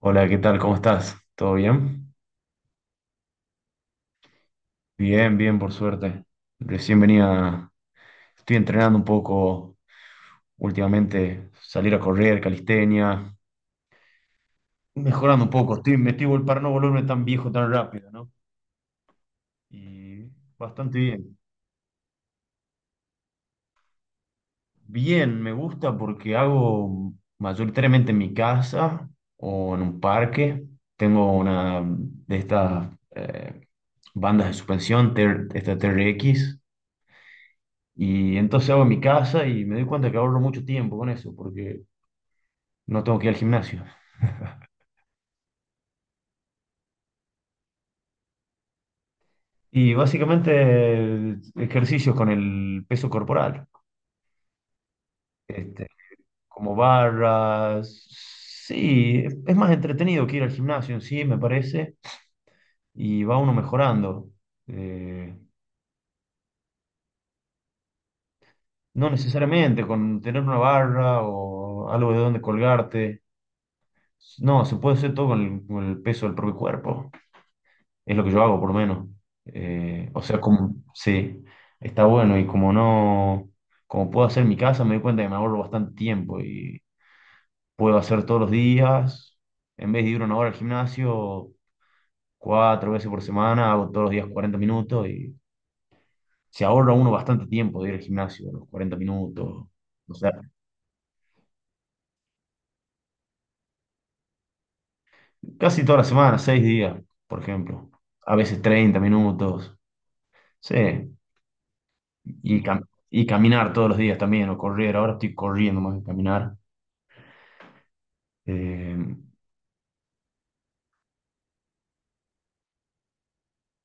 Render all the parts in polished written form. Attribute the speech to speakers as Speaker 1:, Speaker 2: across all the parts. Speaker 1: Hola, ¿qué tal? ¿Cómo estás? ¿Todo bien? Bien, bien, por suerte. Recién venía, estoy entrenando un poco últimamente, salir a correr, calistenia, mejorando un poco. Estoy, me estoy vol- Para no volverme tan viejo tan rápido, ¿no? Y bastante bien. Bien, me gusta porque hago mayoritariamente en mi casa o en un parque. Tengo una de estas eh, bandas de suspensión, TR esta TRX. Y entonces hago en mi casa y me doy cuenta que ahorro mucho tiempo con eso, porque no tengo que ir al gimnasio. Y básicamente ejercicios con el peso corporal, este, como barras. Sí, es más entretenido que ir al gimnasio en sí, me parece, y va uno mejorando. Eh, no necesariamente con tener una barra o algo de donde colgarte. No, se puede hacer todo con el peso del propio cuerpo. Es lo que yo hago, por lo menos. O sea, como, sí, está bueno y como no, como puedo hacer en mi casa, me doy cuenta que me ahorro bastante tiempo y puedo hacer todos los días, en vez de ir una hora al gimnasio, cuatro veces por semana, hago todos los días 40 minutos y se ahorra uno bastante tiempo de ir al gimnasio, los 40 minutos, o sea, casi toda la semana, 6 días, por ejemplo, a veces 30 minutos, sí. Y caminar todos los días también, o correr. Ahora estoy corriendo más que caminar. Eh,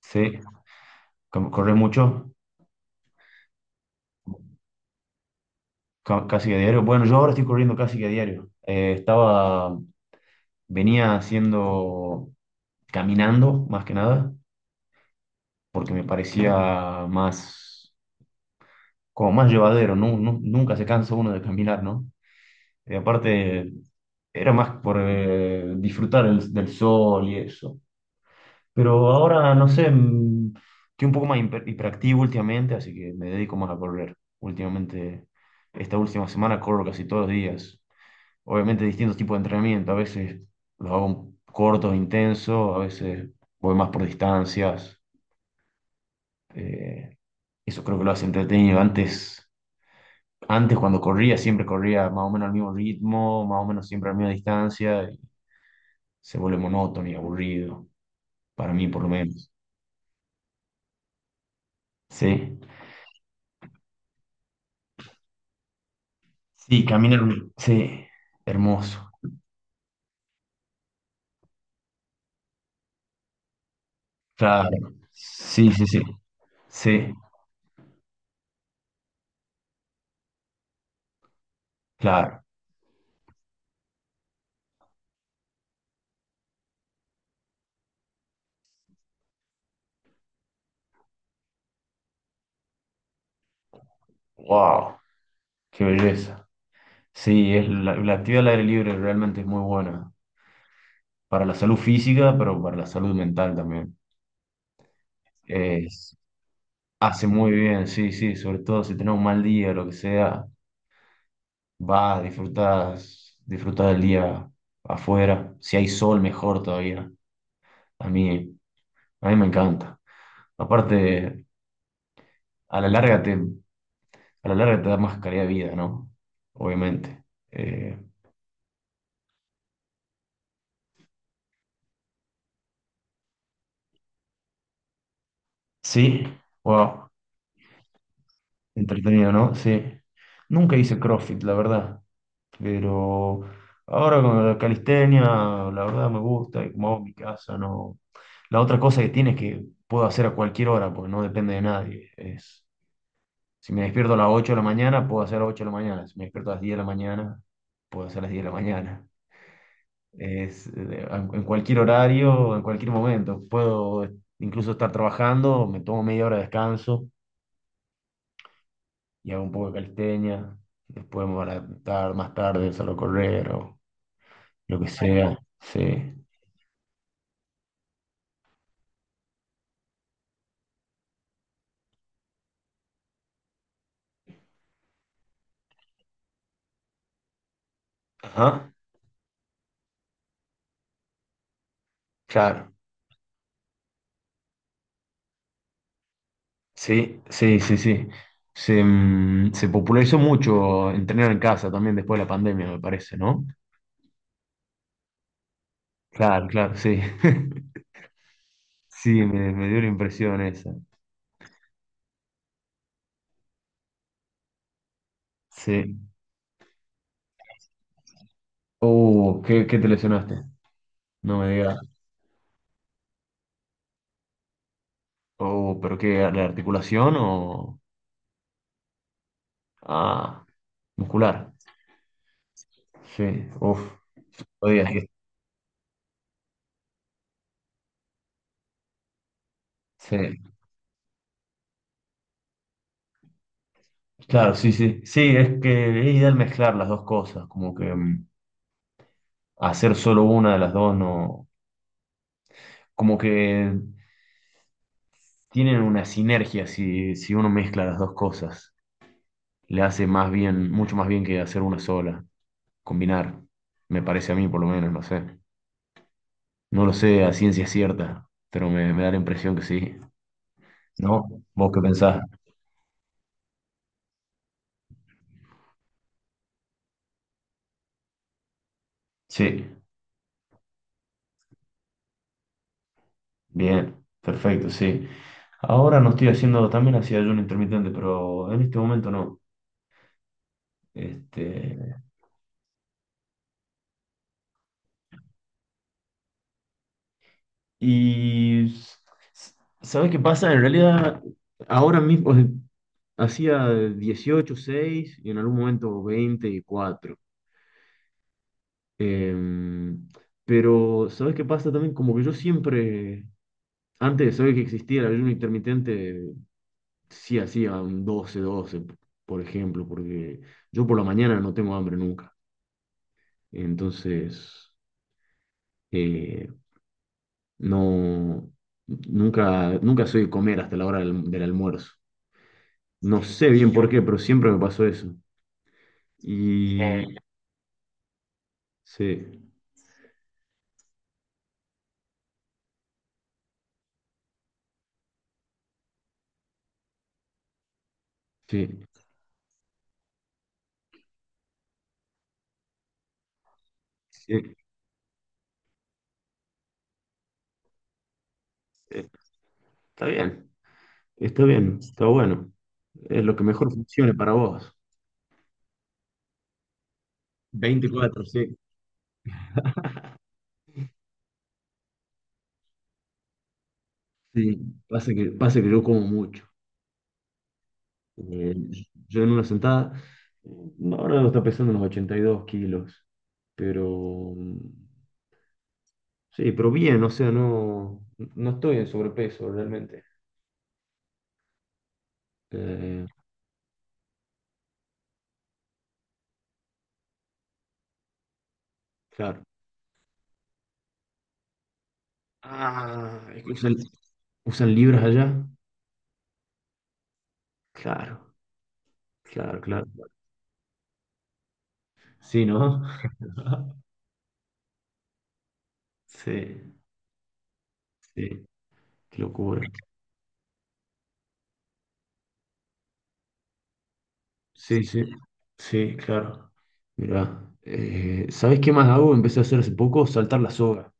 Speaker 1: sí, Correr mucho, casi a diario. Bueno, yo ahora estoy corriendo casi que a diario. Venía haciendo, caminando más que nada, porque me parecía más, como más llevadero, ¿no? Nunca se cansa uno de caminar, ¿no? Y aparte, era más por disfrutar del sol y eso. Pero ahora, no sé, estoy un poco más hiperactivo últimamente, así que me dedico más a correr. Últimamente, esta última semana corro casi todos los días. Obviamente distintos tipos de entrenamiento, a veces los hago cortos, intensos, a veces voy más por distancias. Eh, Eso creo que lo hace entretenido. Antes cuando corría, siempre corría más o menos al mismo ritmo, más o menos siempre a la misma distancia, y se vuelve monótono y aburrido, para mí por lo menos. Sí. Sí, camina hermoso. Sí, hermoso. Claro. Sí, sí, sí. Sí, claro. Wow, qué belleza. Sí, es la actividad al aire libre realmente es muy buena para la salud física, pero para la salud mental también. Es, hace muy bien, sí, sí, sobre todo si tenés un mal día, lo que sea, vas, disfrutás, disfrutás del día afuera. Si hay sol, mejor todavía. A mí, a mí me encanta. Aparte, a la larga te, a la larga te da más calidad de vida, ¿no? Obviamente. Eh, sí, wow, entretenido, ¿no? Sí. Nunca hice CrossFit, la verdad, pero ahora con la calistenia, la verdad me gusta y como hago en mi casa, no. La otra cosa que tiene es que puedo hacer a cualquier hora, porque no depende de nadie. Es, si me despierto a las 8 de la mañana, puedo hacer a las 8 de la mañana. Si me despierto a las 10 de la mañana, puedo hacer a las 10 de la mañana. Es, eh, en cualquier horario, en cualquier momento. Puedo incluso estar trabajando, me tomo media hora de descanso y hago un poco de calistenia. Después me voy a estar más tarde, solo correr o lo que sea. Sí. Ajá. Claro. Sí, sí, sí, sí. Se popularizó mucho entrenar en casa también después de la pandemia, me parece, ¿no? Claro, claro, sí. Sí, me dio la impresión esa. Sí. Oh, ¿qué te lesionaste? No me digas. Oh, ¿pero qué? ¿La articulación o...? Ah, muscular. Sí, uff. Oye, sí. Sí. Claro, sí, sí. Sí, es que es ideal mezclar las dos cosas, como que hacer solo una de las dos no, como que tienen una sinergia si uno mezcla las dos cosas. Le hace más bien, mucho más bien que hacer una sola, combinar, me parece a mí por lo menos, no sé. No lo sé a ciencia cierta, pero me da la impresión que sí. ¿No? ¿Vos qué pensás? Sí, bien, perfecto, sí. Ahora no estoy haciendo, también hacía ayuno intermitente, pero en este momento no. Este, y s- s- ¿Sabés qué pasa? En realidad, ahora mismo hacía 18/6 y en algún momento 24. Em, pero, ¿sabes qué pasa también? Como que yo siempre, antes de saber que existía el ayuno intermitente, sí hacía un 12 12, por ejemplo, porque yo por la mañana no tengo hambre nunca. Entonces, eh, no, nunca, nunca soy de comer hasta la hora del almuerzo. No sé bien por qué, pero siempre me pasó eso. Y sí, sí, sí, eh, está bien, está bien, está bueno. Es lo que mejor funcione para vos. 24 sí. Sí, pasa que yo como mucho. Eh, yo en una sentada, eh, no, ahora no está pesando unos 82 kilos, pero sí, pero bien, o sea, no, no estoy en sobrepeso realmente. Eh, claro. Ah, es que ¿usan libras allá? Claro, claro, claro. Sí, ¿no? Sí, sí, qué locura. Sí, sí, sí, claro. Mirá, ¿sabés qué más hago? Empecé a hacer hace poco, saltar la soga.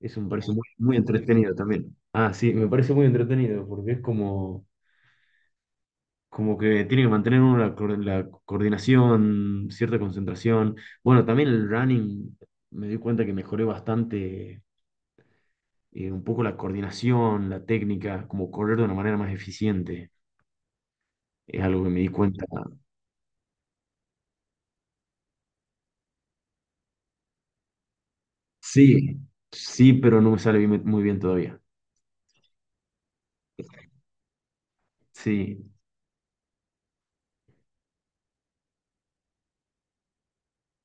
Speaker 1: Eso me parece muy, muy entretenido también. Ah, sí, me parece muy entretenido porque es como, como que tiene que mantener uno la coordinación, cierta concentración. Bueno, también el running me di cuenta que mejoré bastante un poco la coordinación, la técnica, como correr de una manera más eficiente. Es algo que me di cuenta. Sí, sí, pero no me sale muy bien todavía. Sí,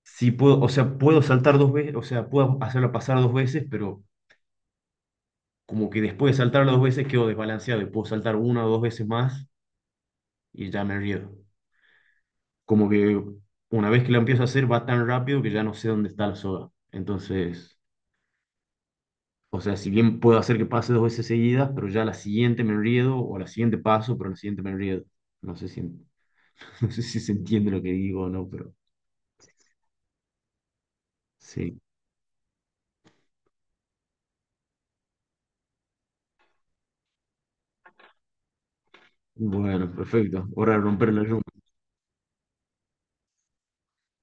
Speaker 1: sí puedo, o sea, puedo saltar dos veces, o sea, puedo hacerla pasar dos veces, pero como que después de saltar las dos veces quedo desbalanceado y puedo saltar una o dos veces más y ya me río. Como que una vez que lo empiezo a hacer va tan rápido que ya no sé dónde está la soga. Entonces, o sea, si bien puedo hacer que pase dos veces seguidas, pero ya a la siguiente me río o a la siguiente paso, pero a la siguiente me río. No sé si, en- no sé si se entiende lo que digo o no, pero sí. Bueno, perfecto. Hora de romper la rumba.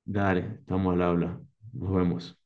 Speaker 1: Dale, estamos al habla. Nos vemos.